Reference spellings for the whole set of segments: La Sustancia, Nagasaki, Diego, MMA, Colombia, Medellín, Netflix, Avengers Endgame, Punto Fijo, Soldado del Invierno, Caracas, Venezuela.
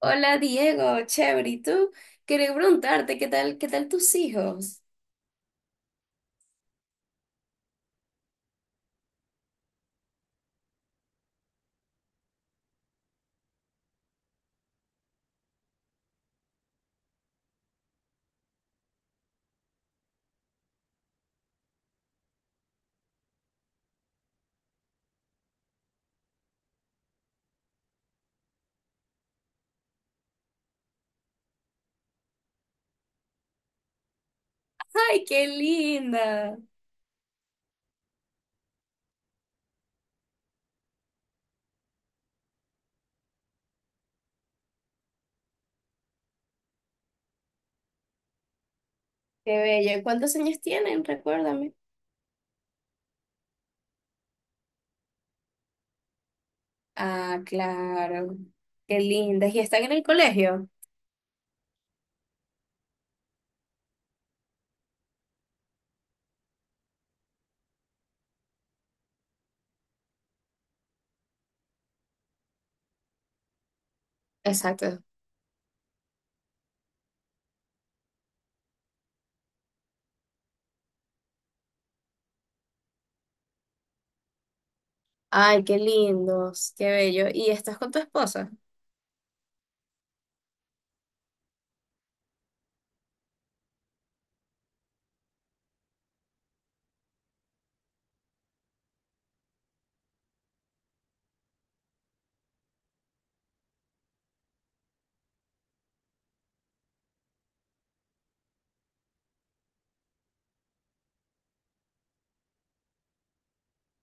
Hola Diego, chévere, ¿y tú? Quería preguntarte, qué tal tus hijos? ¡Ay, qué linda! ¡Qué bella! ¿Cuántos años tienen? Recuérdame. Ah, claro. Qué lindas. ¿Y están en el colegio? Exacto. Ay, qué lindos, qué bello. ¿Y estás con tu esposa?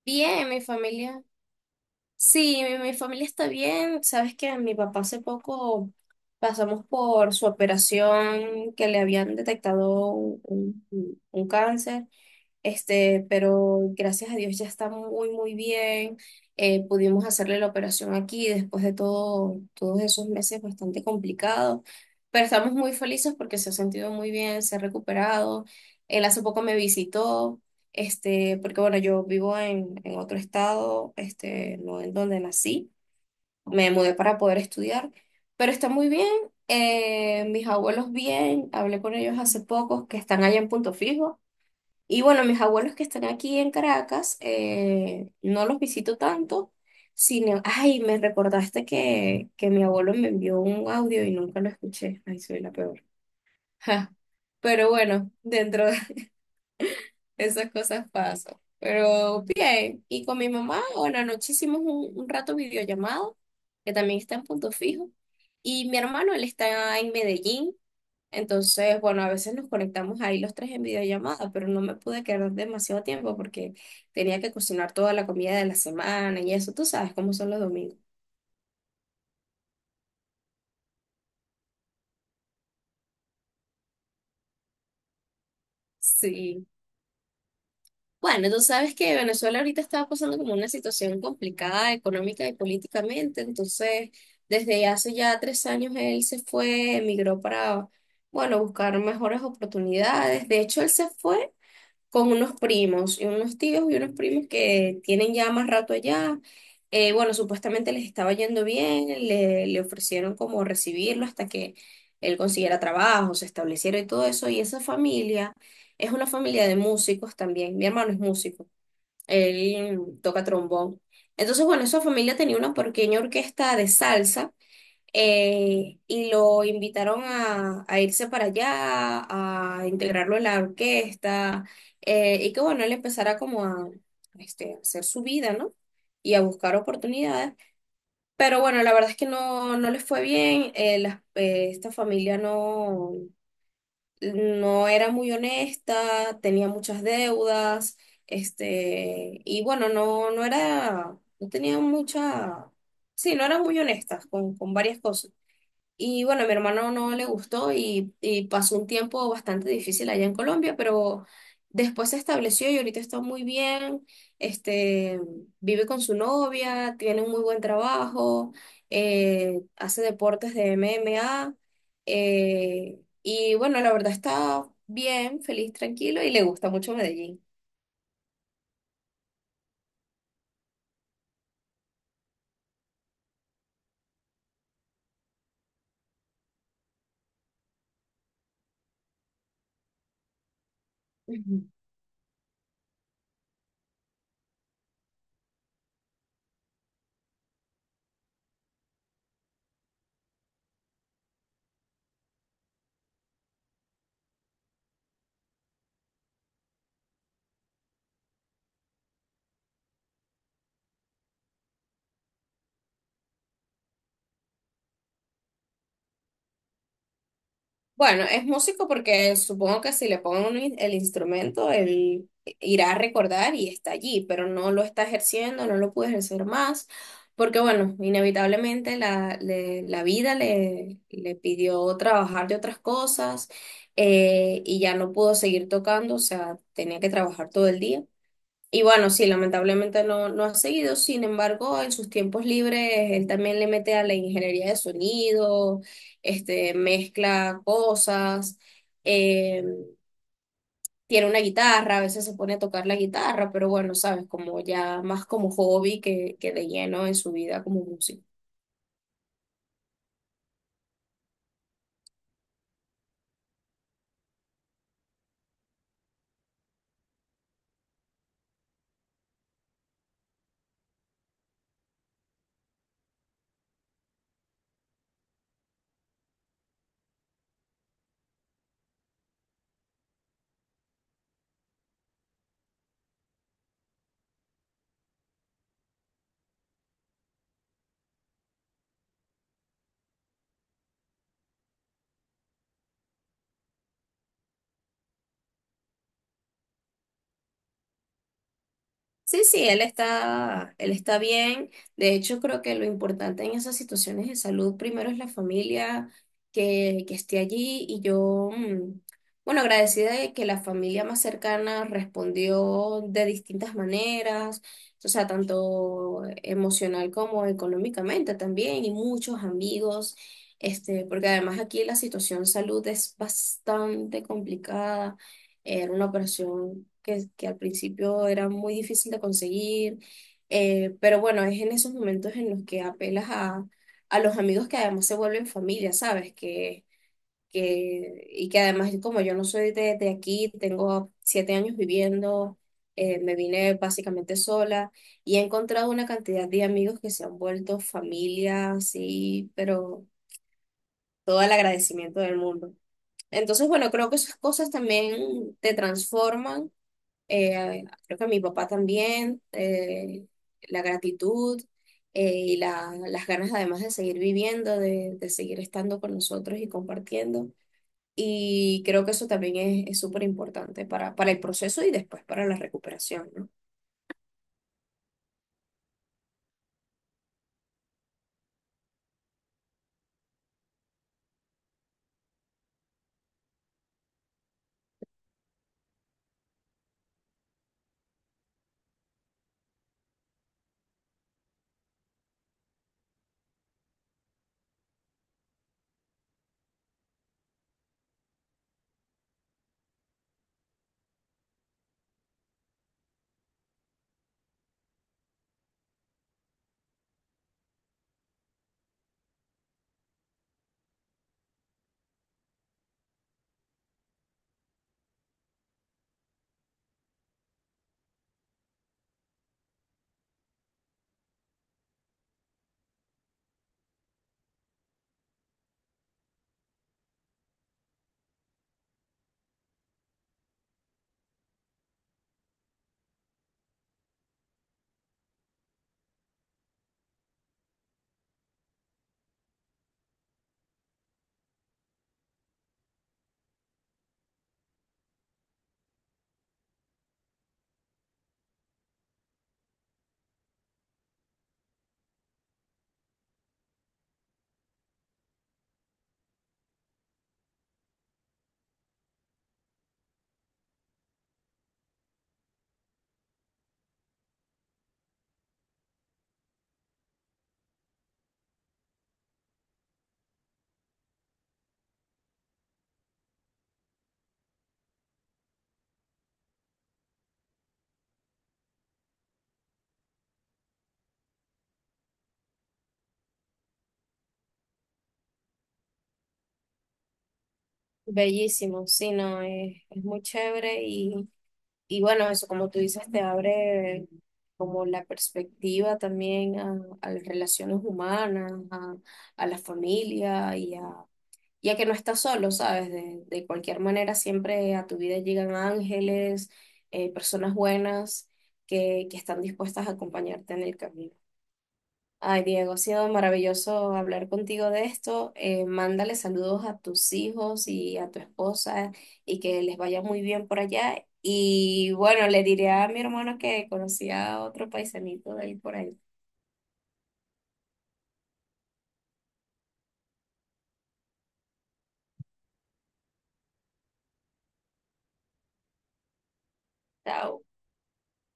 Bien, mi familia. Sí, mi familia está bien. Sabes que mi papá hace poco pasamos por su operación que le habían detectado un cáncer. Pero gracias a Dios ya está muy, muy bien. Pudimos hacerle la operación aquí después de todos esos meses bastante complicados, pero estamos muy felices porque se ha sentido muy bien, se ha recuperado. Él hace poco me visitó, porque bueno, yo vivo en otro estado, no en donde nací, me mudé para poder estudiar, pero está muy bien. Mis abuelos bien, hablé con ellos hace poco, que están allá en Punto Fijo. Y bueno, mis abuelos que están aquí en Caracas, no los visito tanto, sino, ay, me recordaste que mi abuelo me envió un audio y nunca lo escuché. Ay, soy la peor. Ja. Pero bueno, dentro de esas cosas paso. Pero bien, y con mi mamá, bueno, anoche hicimos un rato videollamado, que también está en Punto Fijo. Y mi hermano, él está en Medellín. Entonces, bueno, a veces nos conectamos ahí los tres en videollamada, pero no me pude quedar demasiado tiempo porque tenía que cocinar toda la comida de la semana y eso, tú sabes cómo son los domingos. Sí, bueno, tú sabes que Venezuela ahorita está pasando como una situación complicada económica y políticamente, entonces desde hace ya 3 años él se fue, emigró para, bueno, buscar mejores oportunidades. De hecho, él se fue con unos primos y unos tíos y unos primos que tienen ya más rato allá. Bueno, supuestamente les estaba yendo bien, le ofrecieron como recibirlo hasta que él consiguiera trabajo, se estableciera y todo eso. Y esa familia es una familia de músicos también. Mi hermano es músico, él toca trombón. Entonces, bueno, esa familia tenía una pequeña orquesta de salsa, y lo invitaron a irse para allá, a integrarlo en la orquesta, y que bueno, él empezara como a a hacer su vida, ¿no? Y a buscar oportunidades. Pero bueno, la verdad es que no, no les fue bien, esta familia no, no era muy honesta, tenía muchas deudas, y bueno, no, no era, no tenía mucha, sí, no eran muy honestas con varias cosas. Y bueno, a mi hermano no le gustó y pasó un tiempo bastante difícil allá en Colombia, pero después se estableció y ahorita está muy bien. Este, Vive con su novia, tiene un muy buen trabajo, hace deportes de MMA. Y bueno, la verdad está bien, feliz, tranquilo y le gusta mucho Medellín. Bueno, es músico porque supongo que si le pongo el instrumento, él irá a recordar y está allí, pero no lo está ejerciendo, no lo puede ejercer más, porque bueno, inevitablemente la vida le pidió trabajar de otras cosas, y ya no pudo seguir tocando, o sea, tenía que trabajar todo el día. Y bueno, sí, lamentablemente no, no ha seguido, sin embargo, en sus tiempos libres, él también le mete a la ingeniería de sonido, mezcla cosas, eh, tiene una guitarra, a veces se pone a tocar la guitarra, pero bueno, sabes, como ya más como hobby que de lleno en su vida como músico. Sí, sí, él está bien. De hecho, creo que lo importante en esas situaciones de salud primero es la familia que esté allí y yo, bueno, agradecida de que la familia más cercana respondió de distintas maneras, o sea, tanto emocional como económicamente también y muchos amigos, porque además aquí la situación salud es bastante complicada. Era una operación que al principio era muy difícil de conseguir, pero bueno, es en esos momentos en los que apelas a los amigos que además se vuelven familia, ¿sabes? Y que además, como yo no soy de aquí, tengo 7 años viviendo, me vine básicamente sola y he encontrado una cantidad de amigos que se han vuelto familia, sí, pero todo el agradecimiento del mundo. Entonces, bueno, creo que esas cosas también te transforman, creo que mi papá también, la gratitud, las ganas además de seguir viviendo, de seguir estando con nosotros y compartiendo. Y creo que eso también es súper importante para el proceso y después para la recuperación, ¿no? Bellísimo, sí, no, es muy chévere y bueno, eso como tú dices, te abre como la perspectiva también a las relaciones humanas, a la familia y a que no estás solo, ¿sabes? De cualquier manera, siempre a tu vida llegan ángeles, personas buenas que están dispuestas a acompañarte en el camino. Ay, Diego, ha sido maravilloso hablar contigo de esto. Mándale saludos a tus hijos y a tu esposa y que les vaya muy bien por allá. Y bueno, le diré a mi hermano que conocía a otro paisanito de ahí por ahí. Chao.